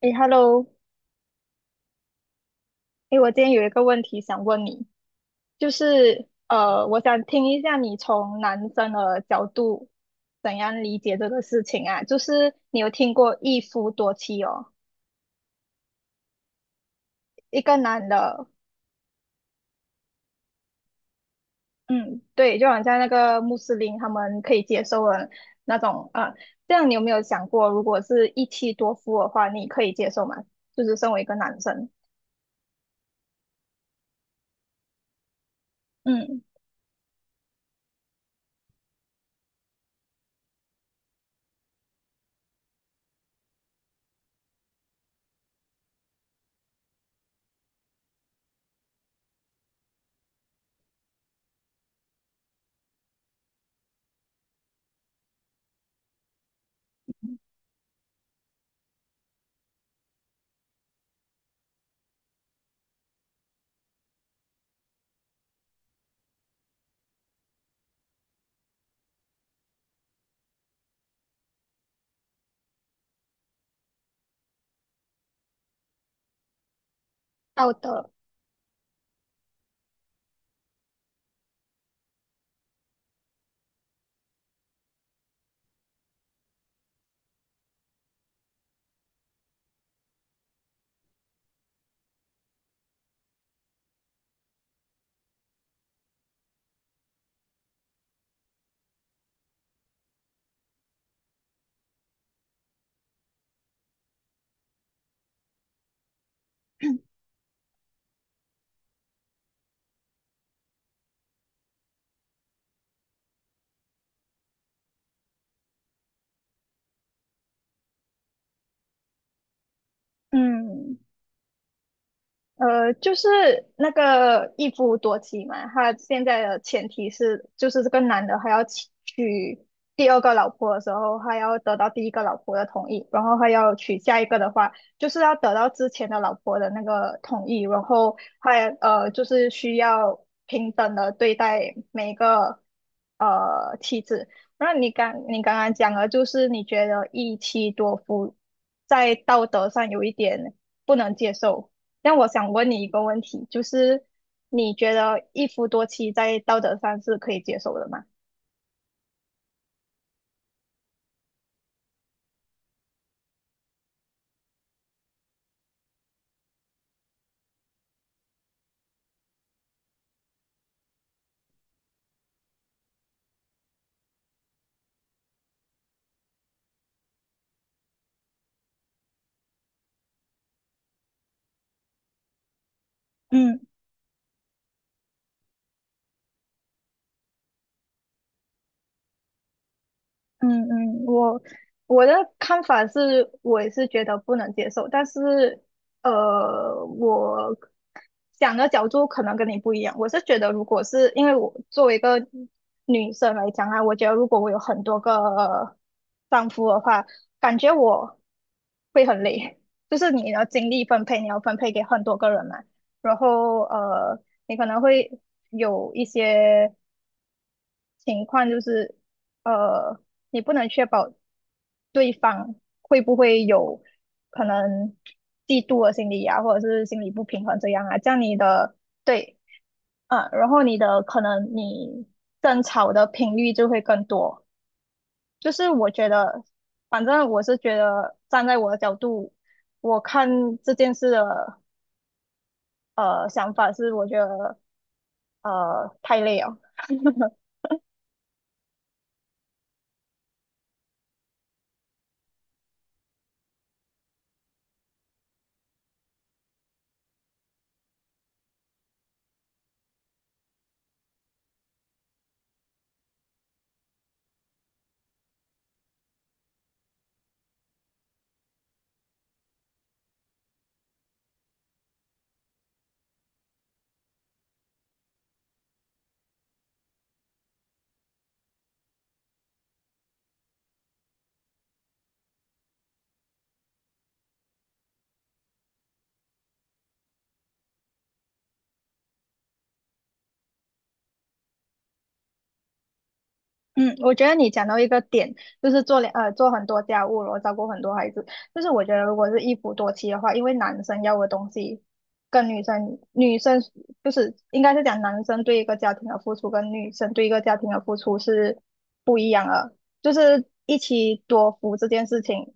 诶 h e l l o 诶，我今天有一个问题想问你，就是我想听一下你从男生的角度怎样理解这个事情啊？就是你有听过一夫多妻哦，一个男的，嗯，对，就好像那个穆斯林他们可以接受的那种，啊。这样你有没有想过，如果是一妻多夫的话，你可以接受吗？就是身为一个男生，嗯，道德，嗯。就是那个一夫多妻嘛，他现在的前提是，就是这个男的还要娶第二个老婆的时候，还要得到第一个老婆的同意，然后还要娶下一个的话，就是要得到之前的老婆的那个同意，然后就是需要平等的对待每一个妻子。那你刚刚讲了，就是你觉得一妻多夫在道德上有一点不能接受。但我想问你一个问题，就是你觉得一夫多妻在道德上是可以接受的吗？嗯。嗯嗯，我的看法是，我也是觉得不能接受，但是我想的角度可能跟你不一样。我是觉得，如果是因为我作为一个女生来讲啊，我觉得如果我有很多个丈夫的话，感觉我会很累，就是你的精力分配，你要分配给很多个人嘛，然后你可能会有一些。情况就是，呃，你不能确保对方会不会有可能嫉妒的心理啊，或者是心理不平衡这样啊，这样你的对，啊，然后你的可能你争吵的频率就会更多。就是我觉得，反正我是觉得站在我的角度，我看这件事的想法是，我觉得太累了。嗯，我觉得你讲到一个点，就是做很多家务，然后照顾很多孩子。就是我觉得如果是一夫多妻的话，因为男生要的东西跟女生就是应该是讲男生对一个家庭的付出跟女生对一个家庭的付出是不一样的。就是一妻多夫这件事情，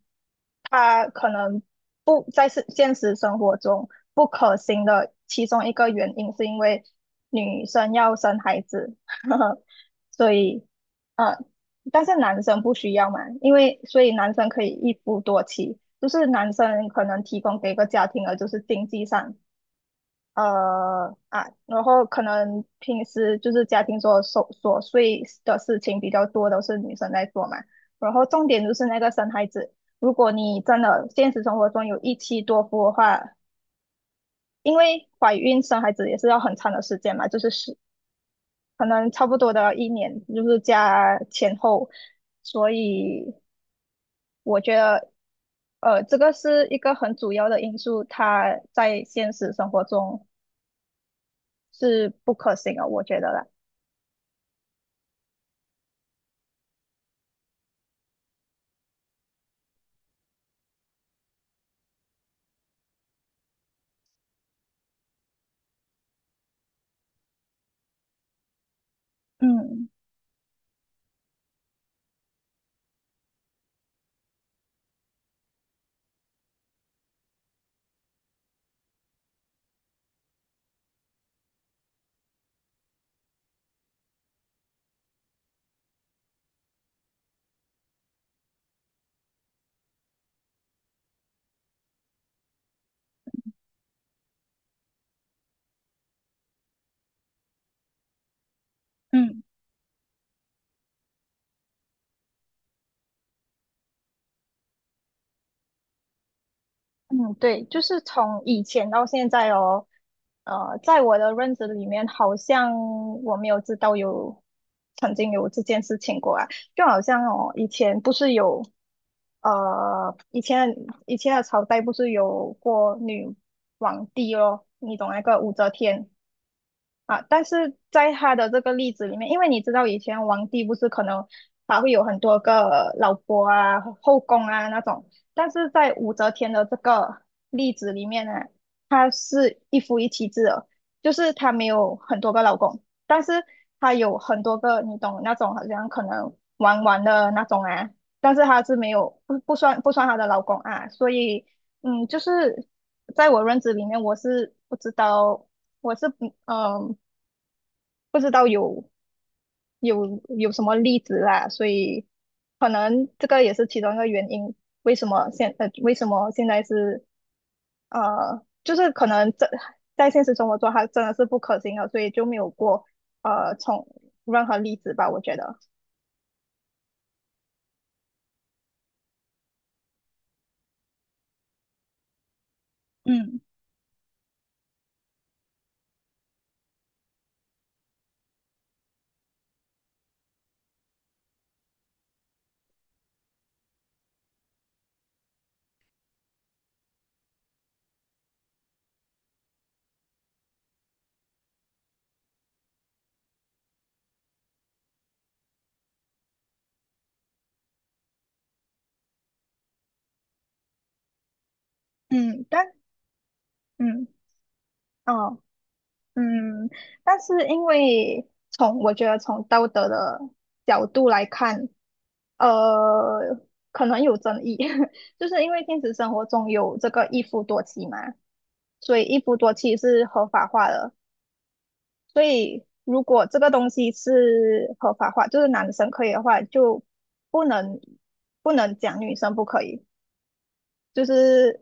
他可能不在是现实生活中不可行的其中一个原因，是因为女生要生孩子，所以呃，但是男生不需要嘛，因为所以男生可以一夫多妻，就是男生可能提供给一个家庭的就是经济上，然后可能平时就是家庭琐碎的事情比较多，都是女生在做嘛。然后重点就是那个生孩子，如果你真的现实生活中有一妻多夫的话，因为怀孕生孩子也是要很长的时间嘛，就是是可能差不多的一年，就是加前后，所以我觉得这个是一个很主要的因素，它在现实生活中是不可行的，我觉得啦，嗯。嗯嗯，对，就是从以前到现在哦，在我的认知里面，好像我没有知道有曾经有这件事情过啊，就好像哦，呃，以前以前的朝代不是有过女皇帝咯，你懂那个武则天？啊，但是在他的这个例子里面，因为你知道以前皇帝不是可能他会有很多个老婆啊、后宫啊那种，但是在武则天的这个例子里面呢，她是一夫一妻制的，就是她没有很多个老公，但是她有很多个，你懂那种好像可能玩玩的那种啊，但是她是没有不算她的老公啊，所以嗯，就是在我认知里面，我是不知道。我不知道有有什么例子啦，所以可能这个也是其中一个原因，为什么现在是就是可能这在现实生活中它真的是不可行的，所以就没有过从任何例子吧，我觉得，嗯嗯，但嗯哦嗯，但是因为从我觉得从道德的角度来看。呃，可能有争议，就是因为现实生活中有这个一夫多妻嘛，所以一夫多妻是合法化的。所以如果这个东西是合法化，就是男生可以的话，就不能不能讲女生不可以。就是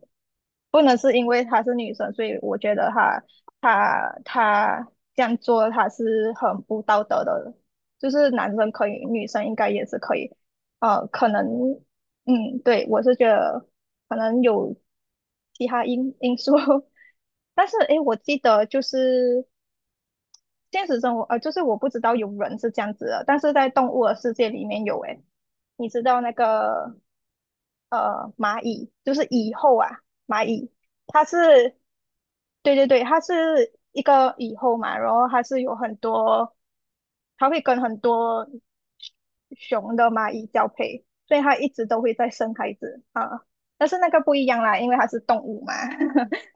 不能是因为她是女生，所以我觉得她这样做她是很不道德的。就是男生可以，女生应该也是可以。可能，嗯，对，我是觉得可能有其他因素，但是诶，我记得就是现实生活，就是我不知道有人是这样子的，但是在动物的世界里面有诶，你知道那个？蚂蚁，就是蚁后啊，蚂蚁，它是，对对对，它是一个蚁后嘛，然后它是有很多，它会跟很多熊的蚂蚁交配，所以它一直都会在生孩子啊。但是那个不一样啦，因为它是动物嘛。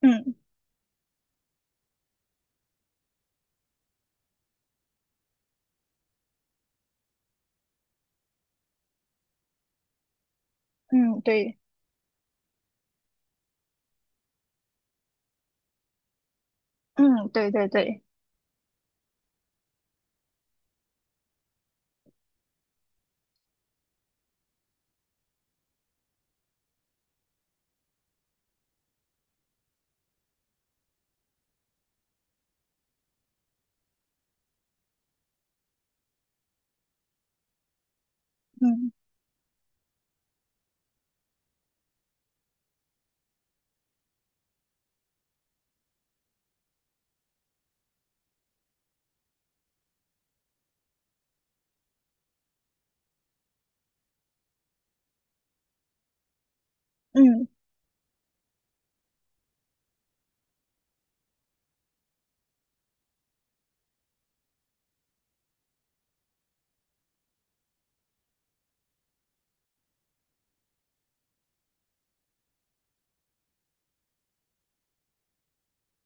嗯嗯，对，嗯对对对，嗯嗯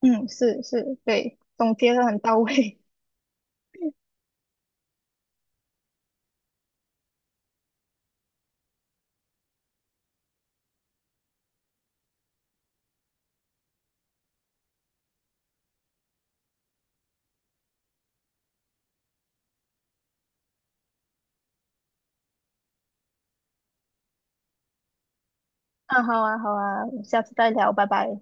嗯，是是，对，总结的很到位。啊，好啊好啊，我们下次再聊，拜拜。